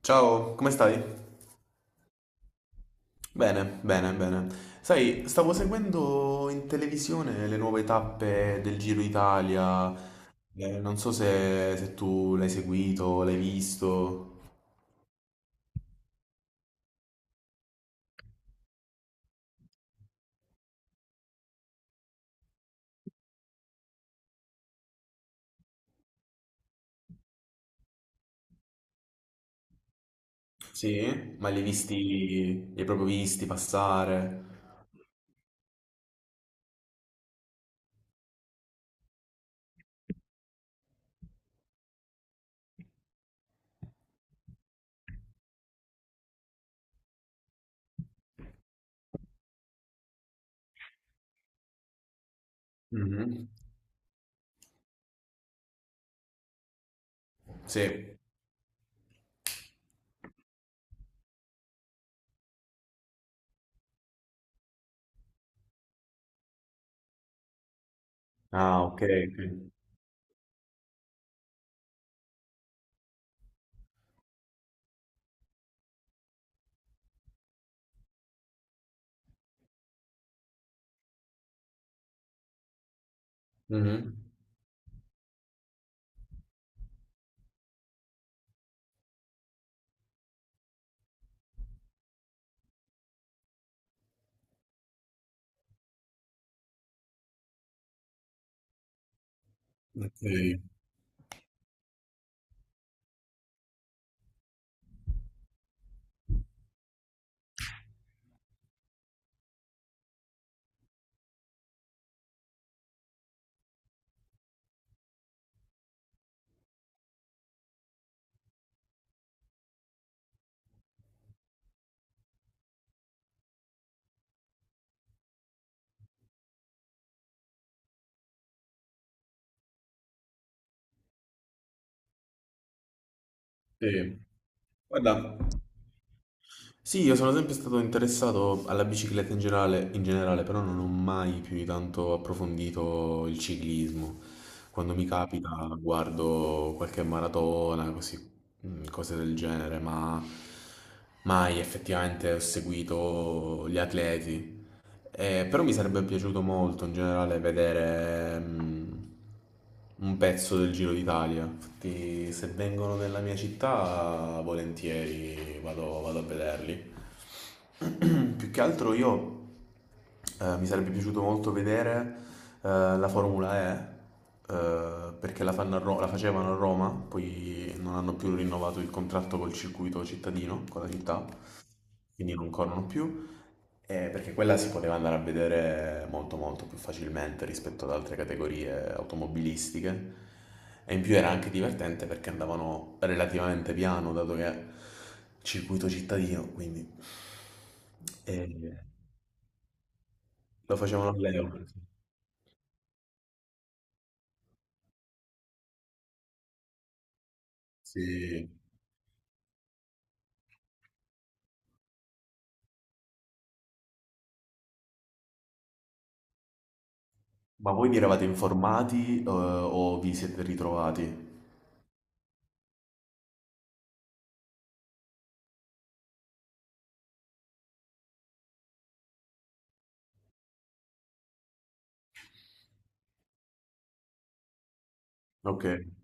Ciao, come stai? Bene, bene, bene. Sai, stavo seguendo in televisione le nuove tappe del Giro Italia. Non so se tu l'hai seguito, l'hai visto. Sì? Ma li hai visti, li hai proprio visti passare? Mhm. Sì. Ah, ok, ok. Mhm. Ok. Sì. Guarda, sì, io sono sempre stato interessato alla bicicletta in generale, però non ho mai più di tanto approfondito il ciclismo. Quando mi capita guardo qualche maratona, così, mm, cose del genere, ma mai effettivamente ho seguito gli atleti. Però mi sarebbe piaciuto molto in generale vedere un pezzo del Giro d'Italia. Infatti, se vengono nella mia città, volentieri vado, vado a vederli. Più che altro io mi sarebbe piaciuto molto vedere eh, la Formula E, perché la fanno a la facevano a Roma, poi non hanno più rinnovato il contratto col circuito cittadino, con la città, quindi non corrono più, perché quella si poteva andare a vedere molto più facilmente rispetto ad altre categorie automobilistiche, e in più era anche divertente perché andavano relativamente piano dato che circuito cittadino, quindi eh, lo facevano a Leo. Sì. Ma voi vi eravate informati, o vi siete ritrovati? Ok.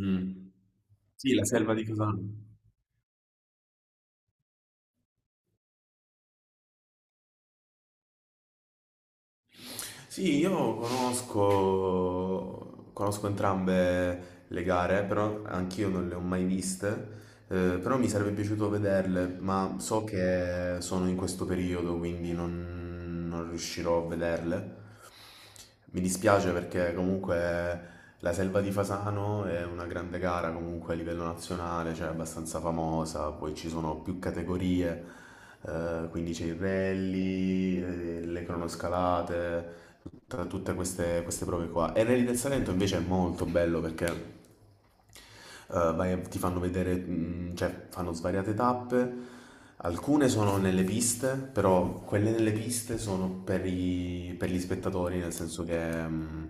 Mm. Sì, la selva di Cusano. Sì, io conosco entrambe le gare, però anch'io non le ho mai viste, però mi sarebbe piaciuto vederle, ma so che sono in questo periodo, quindi non riuscirò a vederle. Mi dispiace perché comunque la Selva di Fasano è una grande gara comunque a livello nazionale, cioè abbastanza famosa, poi ci sono più categorie, quindi c'è il rally, le cronoscalate, tutte queste, queste prove qua. E il Rally del Salento invece è molto bello perché ti fanno vedere, mm, cioè fanno svariate tappe. Alcune sono nelle piste, però quelle nelle piste sono per gli spettatori, nel senso che mm,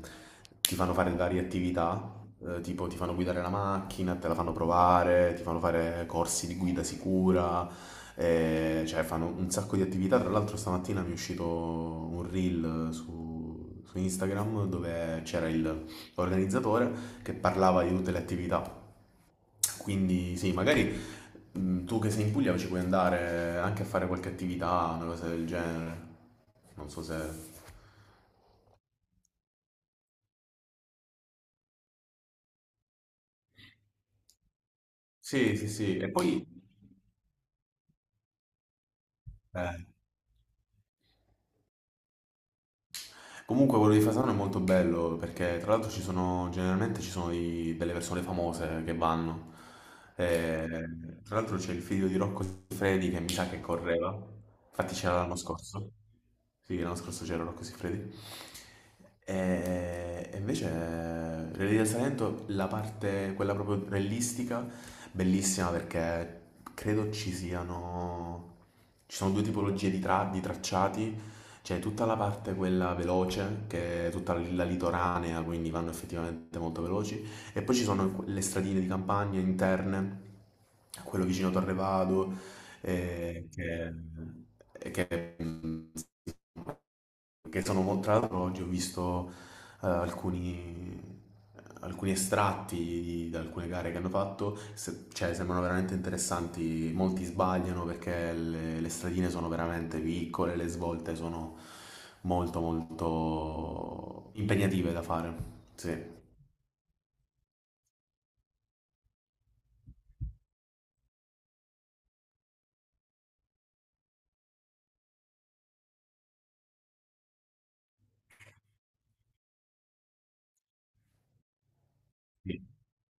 ti fanno fare varie attività, tipo ti fanno guidare la macchina, te la fanno provare, ti fanno fare corsi di guida sicura, cioè fanno un sacco di attività. Tra l'altro stamattina mi è uscito un reel su Instagram dove l'organizzatore che parlava di tutte le attività. Quindi sì, magari tu che sei in Puglia ci puoi andare anche a fare qualche attività, una cosa del genere. Non so se... Sì, sì, sì. E poi... eh, comunque quello di Fasano è molto bello perché tra l'altro ci sono, generalmente ci sono delle persone famose che vanno. Eh, Tra l'altro c'è il figlio di Rocco Siffredi che mi sa che correva, infatti c'era l'anno scorso. Sì, l'anno scorso c'era Rocco Siffredi. E invece, Relli del Salento, la parte, quella proprio rellistica, bellissima perché credo ci siano, ci sono due tipologie di tracciati. C'è tutta la parte quella veloce, che è tutta la litoranea, quindi vanno effettivamente molto veloci. E poi ci sono le stradine di campagna interne, quello vicino a Torre Vado, eh, che, mm, perché sono contrario, oggi ho visto eh, alcuni, alcuni estratti da alcune gare che hanno fatto, cioè sembrano veramente interessanti, molti sbagliano perché le stradine sono veramente piccole, le svolte sono molto impegnative da fare, sì. Sì.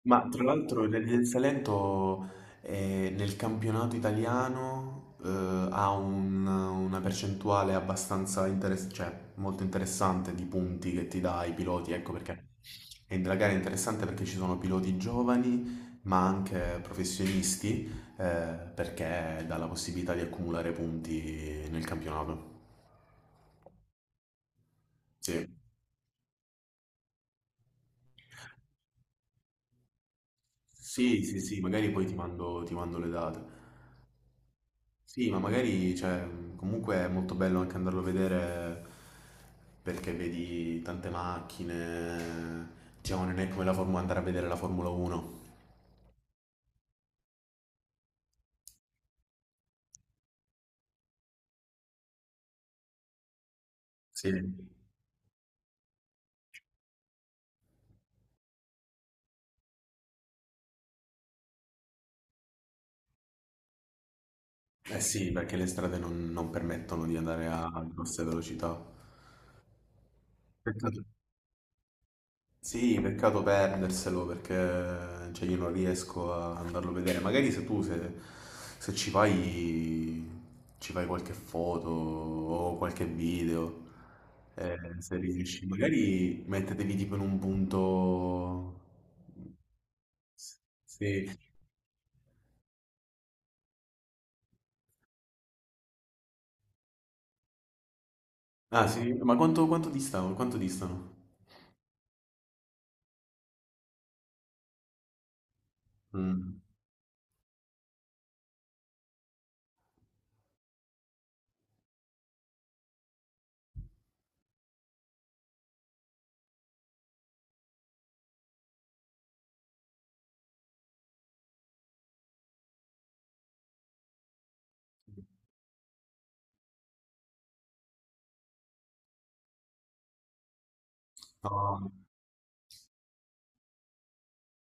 Ma tra l'altro il Rally del Salento, nel campionato italiano, una percentuale abbastanza interessante, cioè molto interessante di punti che ti dà ai piloti, ecco perché. E la gara è interessante perché ci sono piloti giovani ma anche professionisti, perché dà la possibilità di accumulare punti nel campionato. Sì, sì, sì, sì, magari poi ti mando le date. Sì, ma magari, cioè, comunque è molto bello anche andarlo a vedere perché vedi tante macchine, diciamo, non è come la Formula, andare a vedere la Formula 1. Sì. Eh sì, perché le strade non permettono di andare a grosse velocità. Peccato. Sì, peccato perderselo perché cioè, io non riesco a andarlo a vedere. Magari se tu se, se ci vai, ci fai qualche foto o qualche video. Se riesci, magari mettetevi tipo in un punto. Sì. Ah, sì, ma quanto distano? Quanto distano? Mm. No,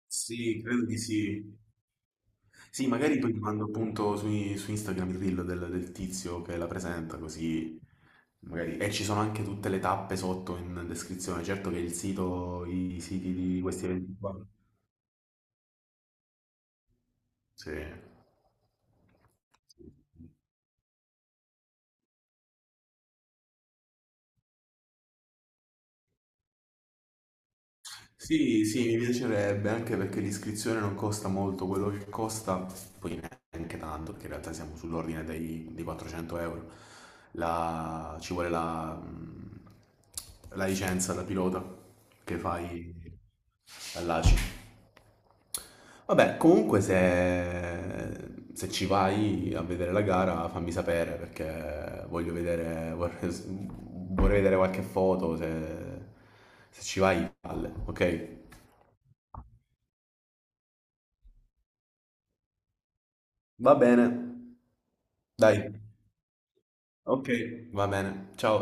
sì, credo di sì. Sì, magari poi ti mando appunto su Instagram il reel del tizio che la presenta, così magari. E ci sono anche tutte le tappe sotto in descrizione. Certo che il sito, i siti di questi eventi qua. Sì. Sì. Sì, sì, mi piacerebbe anche perché l'iscrizione non costa molto, quello che costa, poi neanche tanto, perché in realtà siamo sull'ordine dei 400 euro. Ci vuole la, la licenza da pilota che fai all'ACI. Vabbè, comunque se, se ci vai a vedere la gara fammi sapere perché voglio vedere, vorrei, vorrei vedere qualche foto, se, se ci vai, palle, ok? Va bene, dai. Ok, va bene. Ciao.